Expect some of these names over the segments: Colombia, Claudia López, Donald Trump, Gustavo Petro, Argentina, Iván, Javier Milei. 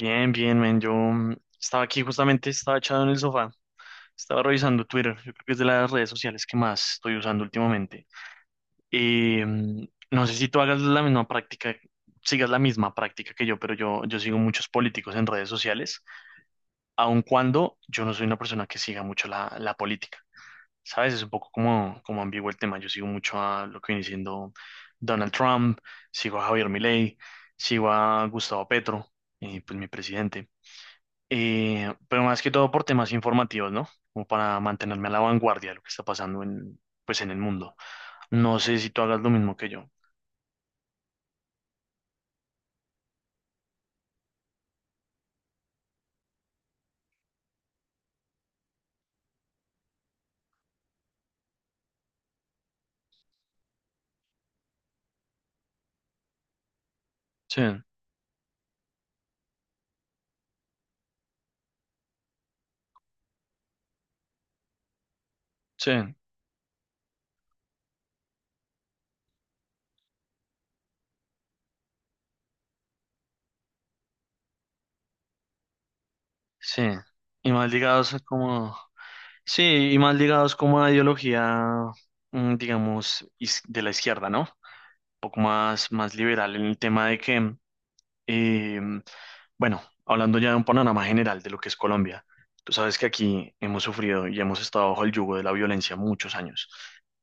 Bien, bien, men. Yo estaba aquí justamente, estaba echado en el sofá, estaba revisando Twitter. Yo creo que es de las redes sociales que más estoy usando últimamente. Y mm, no sé si tú hagas la misma práctica, sigas la misma práctica que yo, pero yo sigo muchos políticos en redes sociales, aun cuando yo no soy una persona que siga mucho la política. ¿Sabes? Es un poco como ambiguo el tema. Yo sigo mucho a lo que viene siendo Donald Trump, sigo a Javier Milei, sigo a Gustavo Petro, pues mi presidente. Pero más que todo por temas informativos, ¿no? Como para mantenerme a la vanguardia de lo que está pasando en, pues, en el mundo. No sé si tú hagas lo mismo que yo. Sí, sí, sí. Y más ligados a como... Sí, y más ligados como a ideología, digamos, de la izquierda, ¿no? Un poco más liberal en el tema de que. Eh, bueno, hablando ya de un panorama general de lo que es Colombia, tú sabes que aquí hemos sufrido y hemos estado bajo el yugo de la violencia muchos años,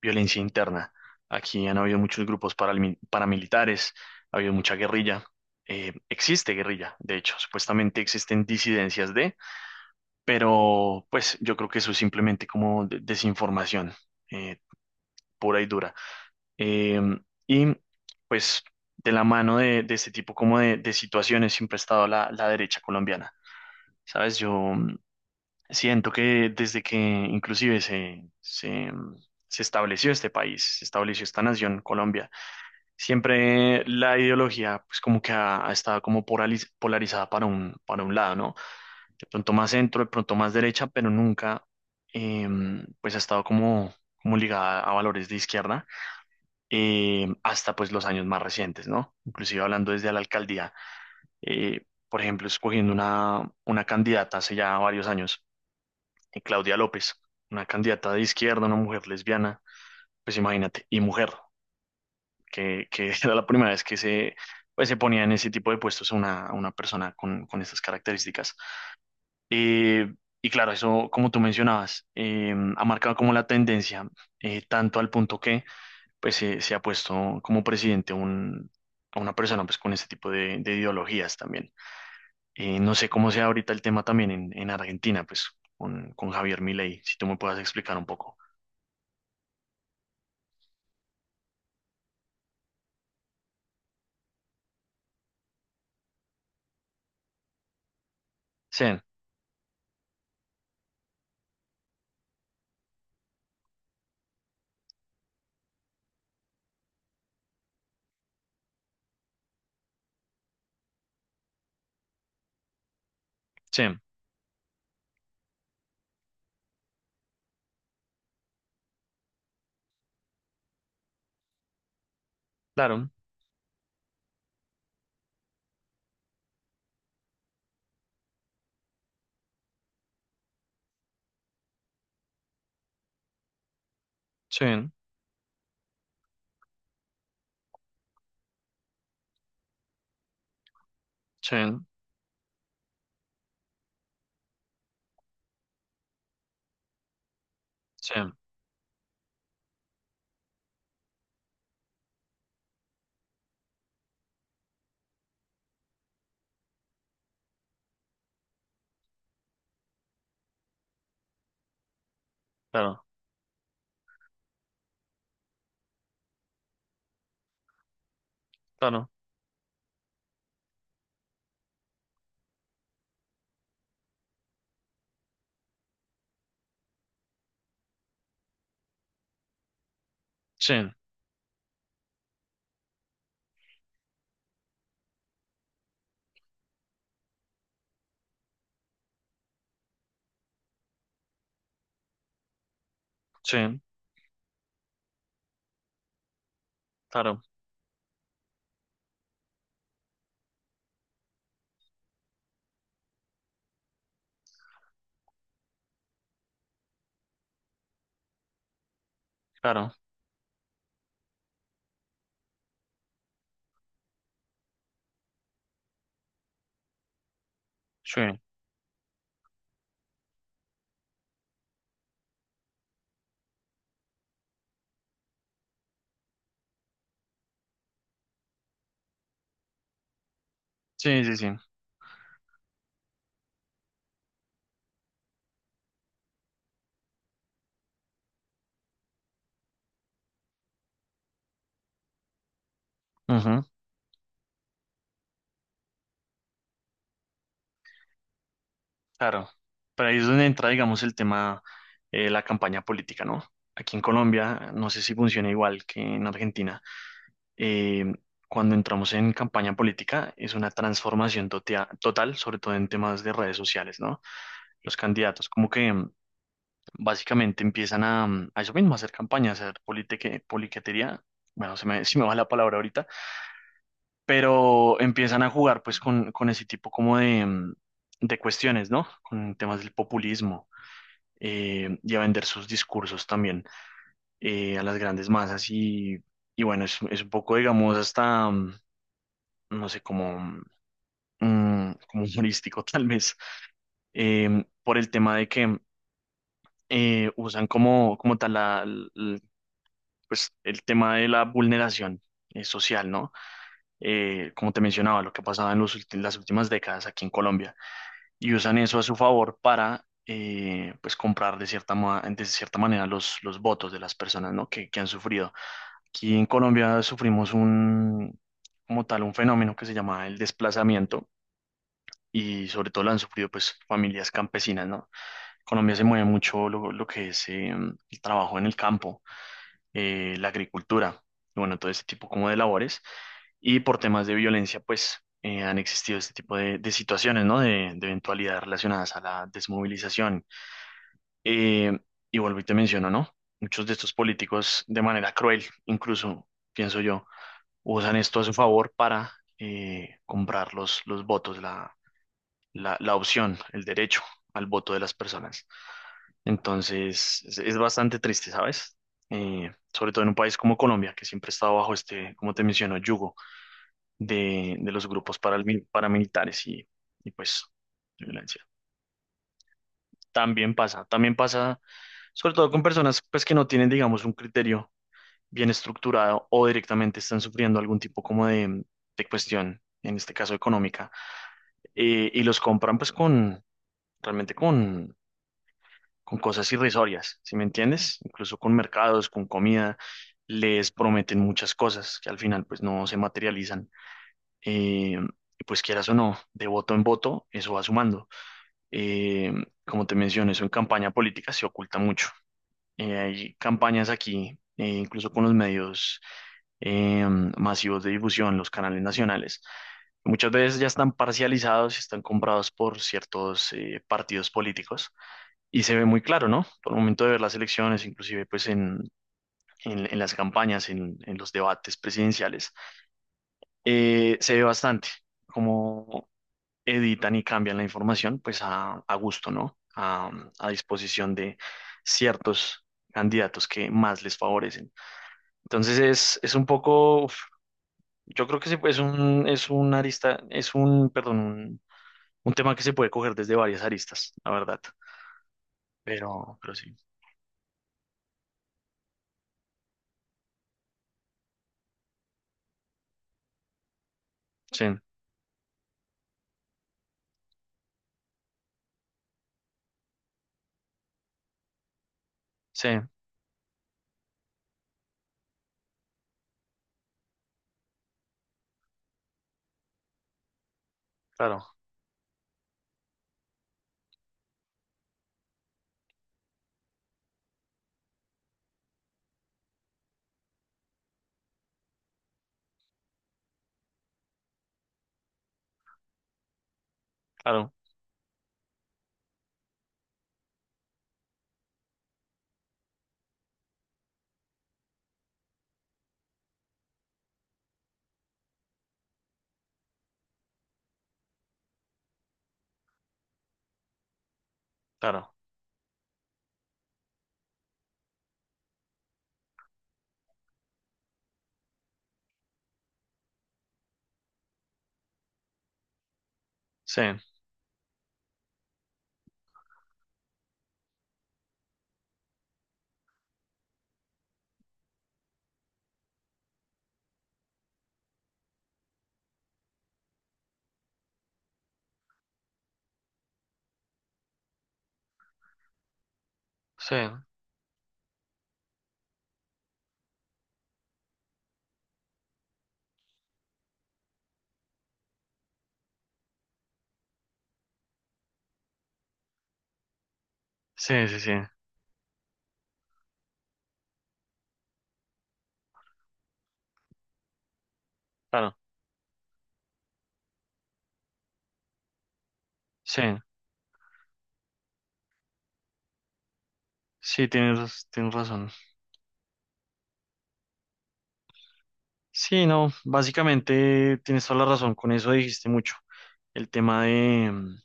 violencia interna. Aquí han habido muchos grupos paramilitares, ha habido mucha guerrilla. Existe guerrilla, de hecho, supuestamente existen disidencias de, pero pues yo creo que eso es simplemente como desinformación eh, pura y dura. Em, y pues de la mano de este tipo como de situaciones siempre ha estado la derecha colombiana. Sabes, yo siento que desde que inclusive se estableció este país, se estableció esta nación, Colombia, siempre la ideología pues como que ha estado como polarizada para para un lado, ¿no? De pronto más centro, de pronto más derecha, pero nunca pues ha estado como, como ligada a valores de izquierda hasta pues los años más recientes, ¿no? Inclusive hablando desde la alcaldía, eh, por ejemplo, escogiendo una candidata hace ya varios años, Claudia López, una candidata de izquierda, una mujer lesbiana, pues imagínate, y mujer, que era la primera vez que se, pues, se ponía en ese tipo de puestos una persona con estas características. Eh, y claro, eso, como tú mencionabas, ha marcado como la tendencia, tanto al punto que pues se ha puesto como presidente un, a una persona pues con este tipo de ideologías también. No sé cómo sea ahorita el tema también en Argentina, pues con Javier Milei, si tú me puedas explicar un poco. Sí, sí, claro, sí, sí, sí, claro, claro, sí, sí, claro, claro, sí, sí, sí, sí, ujú, claro. Pero ahí es donde entra, digamos, el tema, la campaña política, ¿no? Aquí en Colombia, no sé si funciona igual que en Argentina. eh, Cuando entramos en campaña política es una transformación total, sobre todo en temas de redes sociales, ¿no? Los candidatos como que básicamente empiezan a eso mismo, a hacer campaña, a hacer politiquería. Bueno, se me va la palabra ahorita, pero empiezan a jugar pues con ese tipo como de, de cuestiones, ¿no? Con temas del populismo y a vender sus discursos también a las grandes masas y bueno, es un poco, digamos, hasta, no sé, cómo como humorístico, tal vez, por el tema de que usan como, como tal pues, el tema de la vulneración social, ¿no? Como te mencionaba, lo que pasaba en los las últimas décadas aquí en Colombia, y usan eso a su favor para, pues, comprar de cierta, de cierta manera los votos de las personas, ¿no? Que han sufrido. Aquí en Colombia sufrimos un, como tal, un fenómeno que se llama el desplazamiento. Y sobre todo lo han sufrido pues familias campesinas, ¿no? Colombia se mueve mucho lo que es el trabajo en el campo, la agricultura, y bueno, todo este tipo como de labores. Y por temas de violencia, pues han existido este tipo de situaciones, ¿no? De eventualidades relacionadas a la desmovilización. Eh, y vuelvo y te menciono, ¿no? Muchos de estos políticos, de manera cruel, incluso, pienso yo, usan esto a su favor para comprar los votos, la opción, el derecho al voto de las personas. Entonces, es bastante triste, ¿sabes? Sobre todo en un país como Colombia, que siempre está bajo este, como te menciono, yugo de los grupos paramilitares y pues violencia. También pasa, sobre todo con personas pues que no tienen, digamos, un criterio bien estructurado o directamente están sufriendo algún tipo como de cuestión, en este caso económica, y los compran pues con, realmente con cosas irrisorias, ¿sí me entiendes? Incluso con mercados, con comida, les prometen muchas cosas que al final pues no se materializan. Eh, y pues quieras o no, de voto en voto, eso va sumando. Eh, Como te mencioné, eso en campaña política se oculta mucho. Hay campañas aquí, incluso con los medios eh, masivos de difusión, los canales nacionales. Muchas veces ya están parcializados y están comprados por ciertos partidos políticos y se ve muy claro, ¿no? Por el momento de ver las elecciones, inclusive pues en, en las campañas, en los debates presidenciales, se ve bastante cómo editan y cambian la información pues a gusto, ¿no? A disposición de ciertos candidatos que más les favorecen. Entonces es un poco, uf, yo creo que es un arista, es un, perdón, un tema que se puede coger desde varias aristas, la verdad. Pero sí, sí, sí, claro, claro. Claro, sí, sí, sí, sí, sí, claro, sí, sí, tienes, tienes razón. Sí, no, básicamente tienes toda la razón, con eso dijiste mucho. El tema de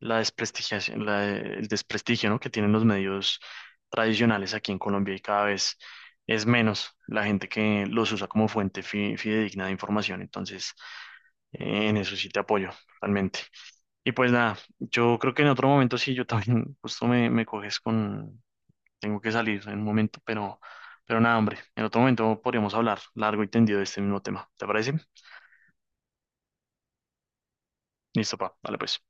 la desprestigiación, la el desprestigio, ¿no? Que tienen los medios tradicionales aquí en Colombia y cada vez es menos la gente que los usa como fuente fidedigna de información. Entonces, en eso sí te apoyo, realmente. Y pues nada, yo creo que en otro momento sí, yo también justo me coges con... Tengo que salir en un momento, pero nada, hombre. En otro momento podríamos hablar largo y tendido de este mismo tema. ¿Te parece? Listo, pa. Vale, pues.